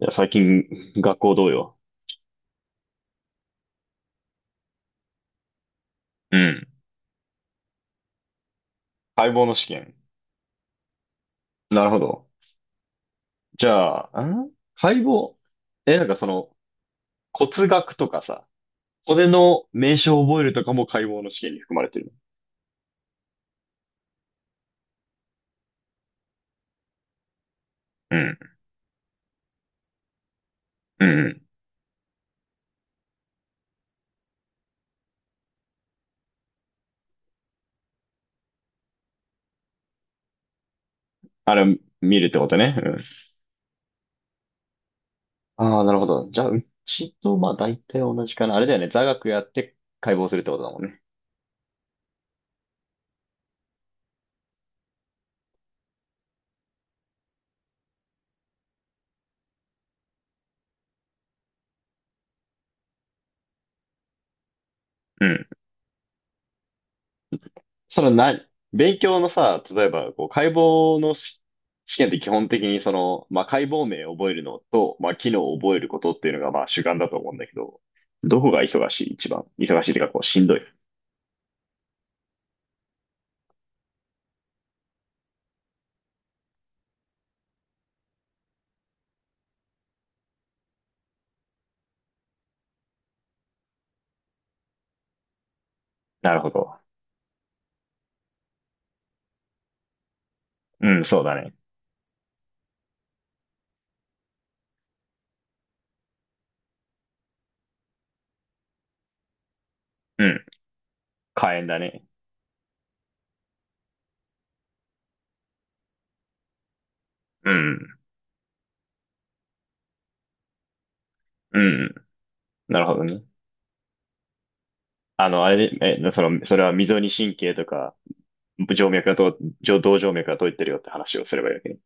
いや、最近、学校どうよ。うん。解剖の試験。なるほど。じゃあ、解剖。え、なんかその、骨学とかさ、骨の名称を覚えるとかも解剖の試験に含まれてるの。うん。うんうん。あれ、見るってことね。うん。ああ、なるほど。じゃあ、うちと、まあ、大体同じかな。あれだよね。座学やって解剖するってことだもんね。うんそのな、勉強のさ、例えば、こう、解剖のし試験って基本的にその、まあ、解剖名を覚えるのと、まあ、機能を覚えることっていうのが、まあ、主眼だと思うんだけど、どこが忙しい一番。忙しいっていうか、こう、しんどい。なるほど。うん、そうだね。うん、火炎だね。うん、うん、なるほどね。あの、あれで、え、その、それは溝に神経とか、静脈がと、上動静脈が通ってるよって話をすればいいわけね。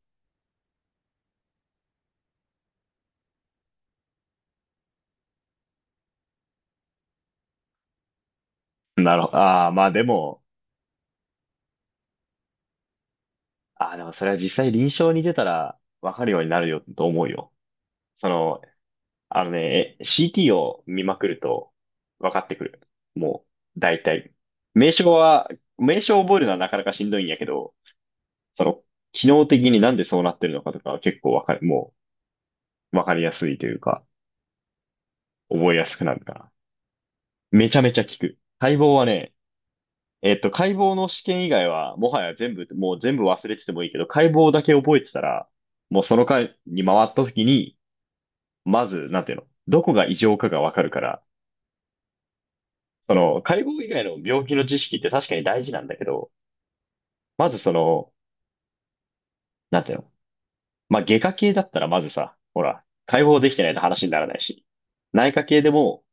なるほど。ああ、まあでも、ああ、でもそれは実際臨床に出たらわかるようになるよと思うよ。その、CT を見まくると分かってくる。もう、大体。名称は、名称を覚えるのはなかなかしんどいんやけど、その、機能的になんでそうなってるのかとかは結構わかる、もう、わかりやすいというか、覚えやすくなるから。めちゃめちゃ効く。解剖はね、解剖の試験以外は、もはや全部、もう全部忘れててもいいけど、解剖だけ覚えてたら、もうその回に回った時に、まず、なんていうの、どこが異常かがわかるから、その、解剖以外の病気の知識って確かに大事なんだけど、まずその、なんていうの、まあ、外科系だったらまずさ、ほら、解剖できてないと話にならないし、内科系でも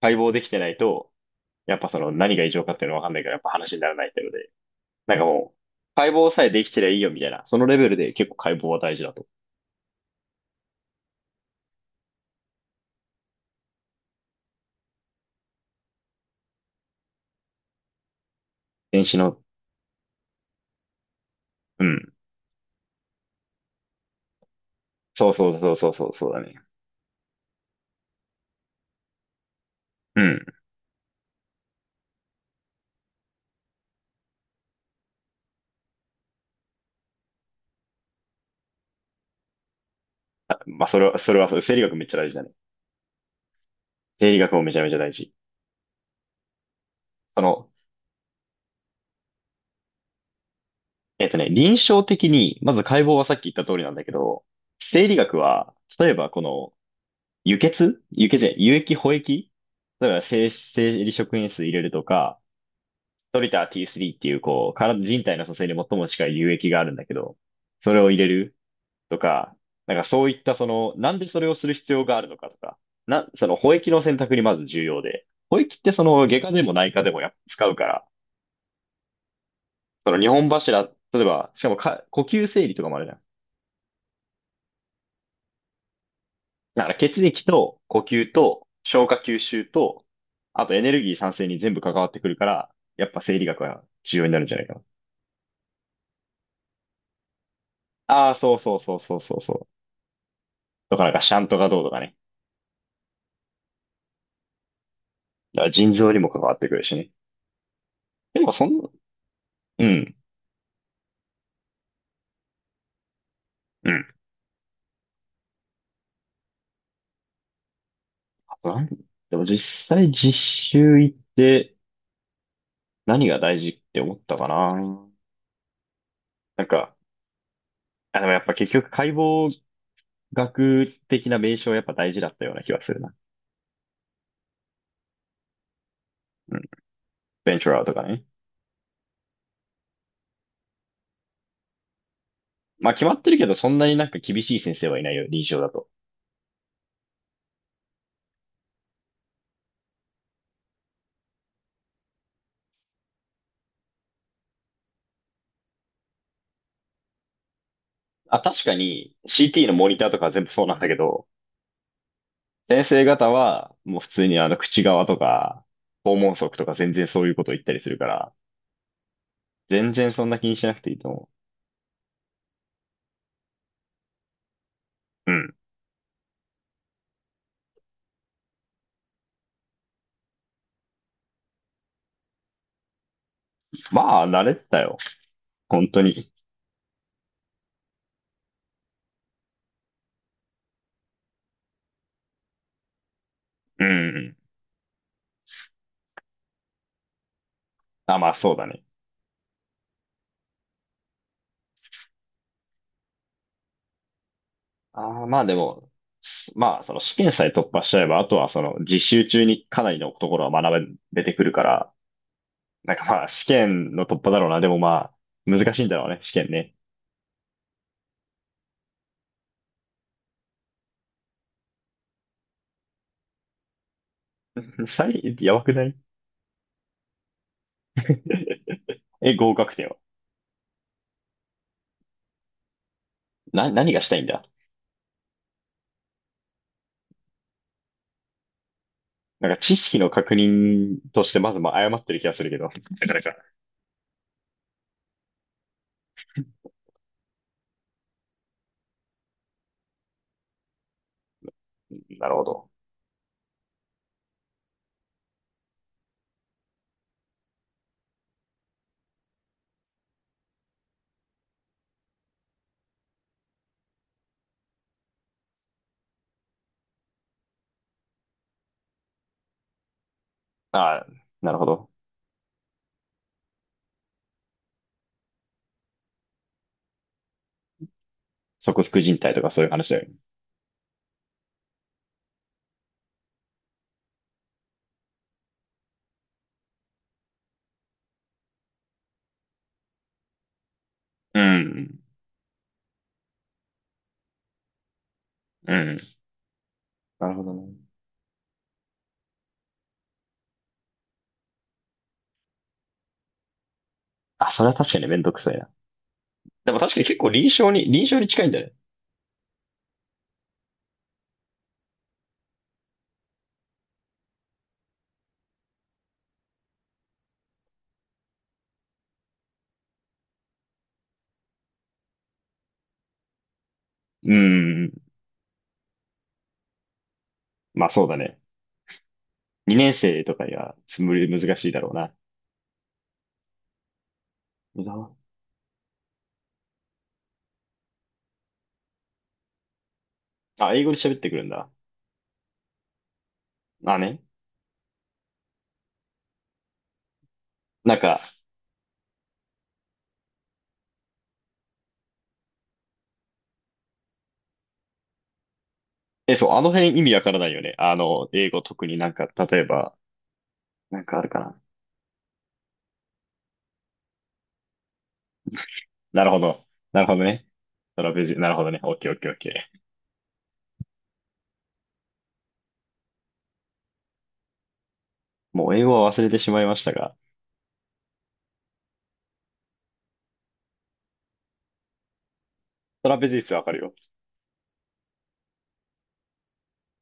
解剖できてないと、やっぱその何が異常かっていうのわかんないからやっぱ話にならないっていうので、なんかもう、解剖さえできてりゃいいよみたいな、そのレベルで結構解剖は大事だと。電子の、うん。そうそうそうそうそうそうだね。うん。まあ、それは、生理学めっちゃ大事だね。生理学もめちゃめちゃ大事。その、臨床的に、まず解剖はさっき言った通りなんだけど、生理学は、例えばこの、輸血輸血じゃない、輸液、補液例えば生理食塩水入れるとか、トリター T3 っていう、こう、人体の組成に最も近い輸液があるんだけど、それを入れるとか、なんかそういったその、なんでそれをする必要があるのかとか、その補液の選択にまず重要で、補液ってその、外科でも内科でもやっぱ使うから、その日本柱、例えば、しかもか、呼吸整理とかもあるじゃんだから血液と呼吸と消化吸収と、あとエネルギー産生に全部関わってくるから、やっぱ生理学は重要になるんじゃないかな。ああ、そうそうそうそうそうそう。とかなんかシャントがどうとかね。だから腎臓にも関わってくるしね。でもそんな、うん、うん。あと何でも実際実習行って何が大事って思ったかな。なんか、あ、でもやっぱ結局解剖学的な名称やっぱ大事だったような気がするな。うん。ベンチュラーとかね。まあ決まってるけど、そんなになんか厳しい先生はいないよ、臨床だと。あ、確かに CT のモニターとかは全部そうなんだけど、先生方はもう普通にあの口側とか、訪問則とか全然そういうことを言ったりするから、全然そんな気にしなくていいと思う。うん。まあ、慣れてたよ。本当に。うん。あ、まあそうだね。ああ、まあでも、まあその試験さえ突破しちゃえば、あとはその実習中にかなりのところは学べてくるから、なんかまあ試験の突破だろうな。でもまあ、難しいんだろうね、試験ね。サイ、やばくない え、合格点は。な、何がしたいんだなんか知識の確認としてまずまあ誤ってる気がするけど。なかなか。なるほど。ああ、なるほど。側副人体とかそういう話だよね。うん。うん。なるほどね。あ、それは確かにめんどくさいな。でも確かに結構臨床に近いんだね。うん。まあそうだね。2年生とかにはつむり難しいだろうな。無駄はあ、英語で喋ってくるんだ。まあね。なんか、え、そう、あの辺意味わからないよね。あの、英語特になんか、例えば、なんかあるかな。なるほど。なるほどね。トラペジ、なるほどね。オッケーオッケーオッケー。もう英語は忘れてしまいましたが、トラペジウスわかるよ。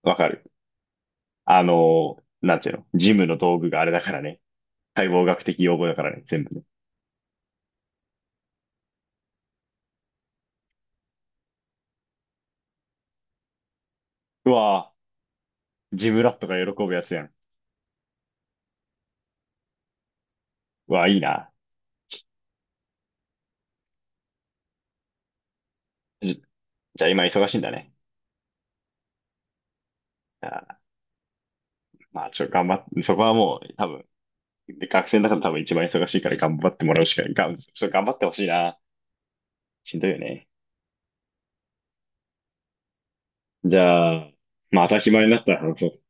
わかる。あの、なんていうの。ジムの道具があれだからね。解剖学的用語だからね。全部ね。うわぁ、ジムラットが喜ぶやつやん。うわぁ、いいな。じ、じゃあ今忙しいんだね。あー、まあ、ちょ、頑張って、そこはもう、多分、で、学生の中で多分一番忙しいから頑張ってもらうしか、がん、ちょっと頑張ってほしいな。しんどいよね。じゃあ、まあ、当たり前になったら話そう。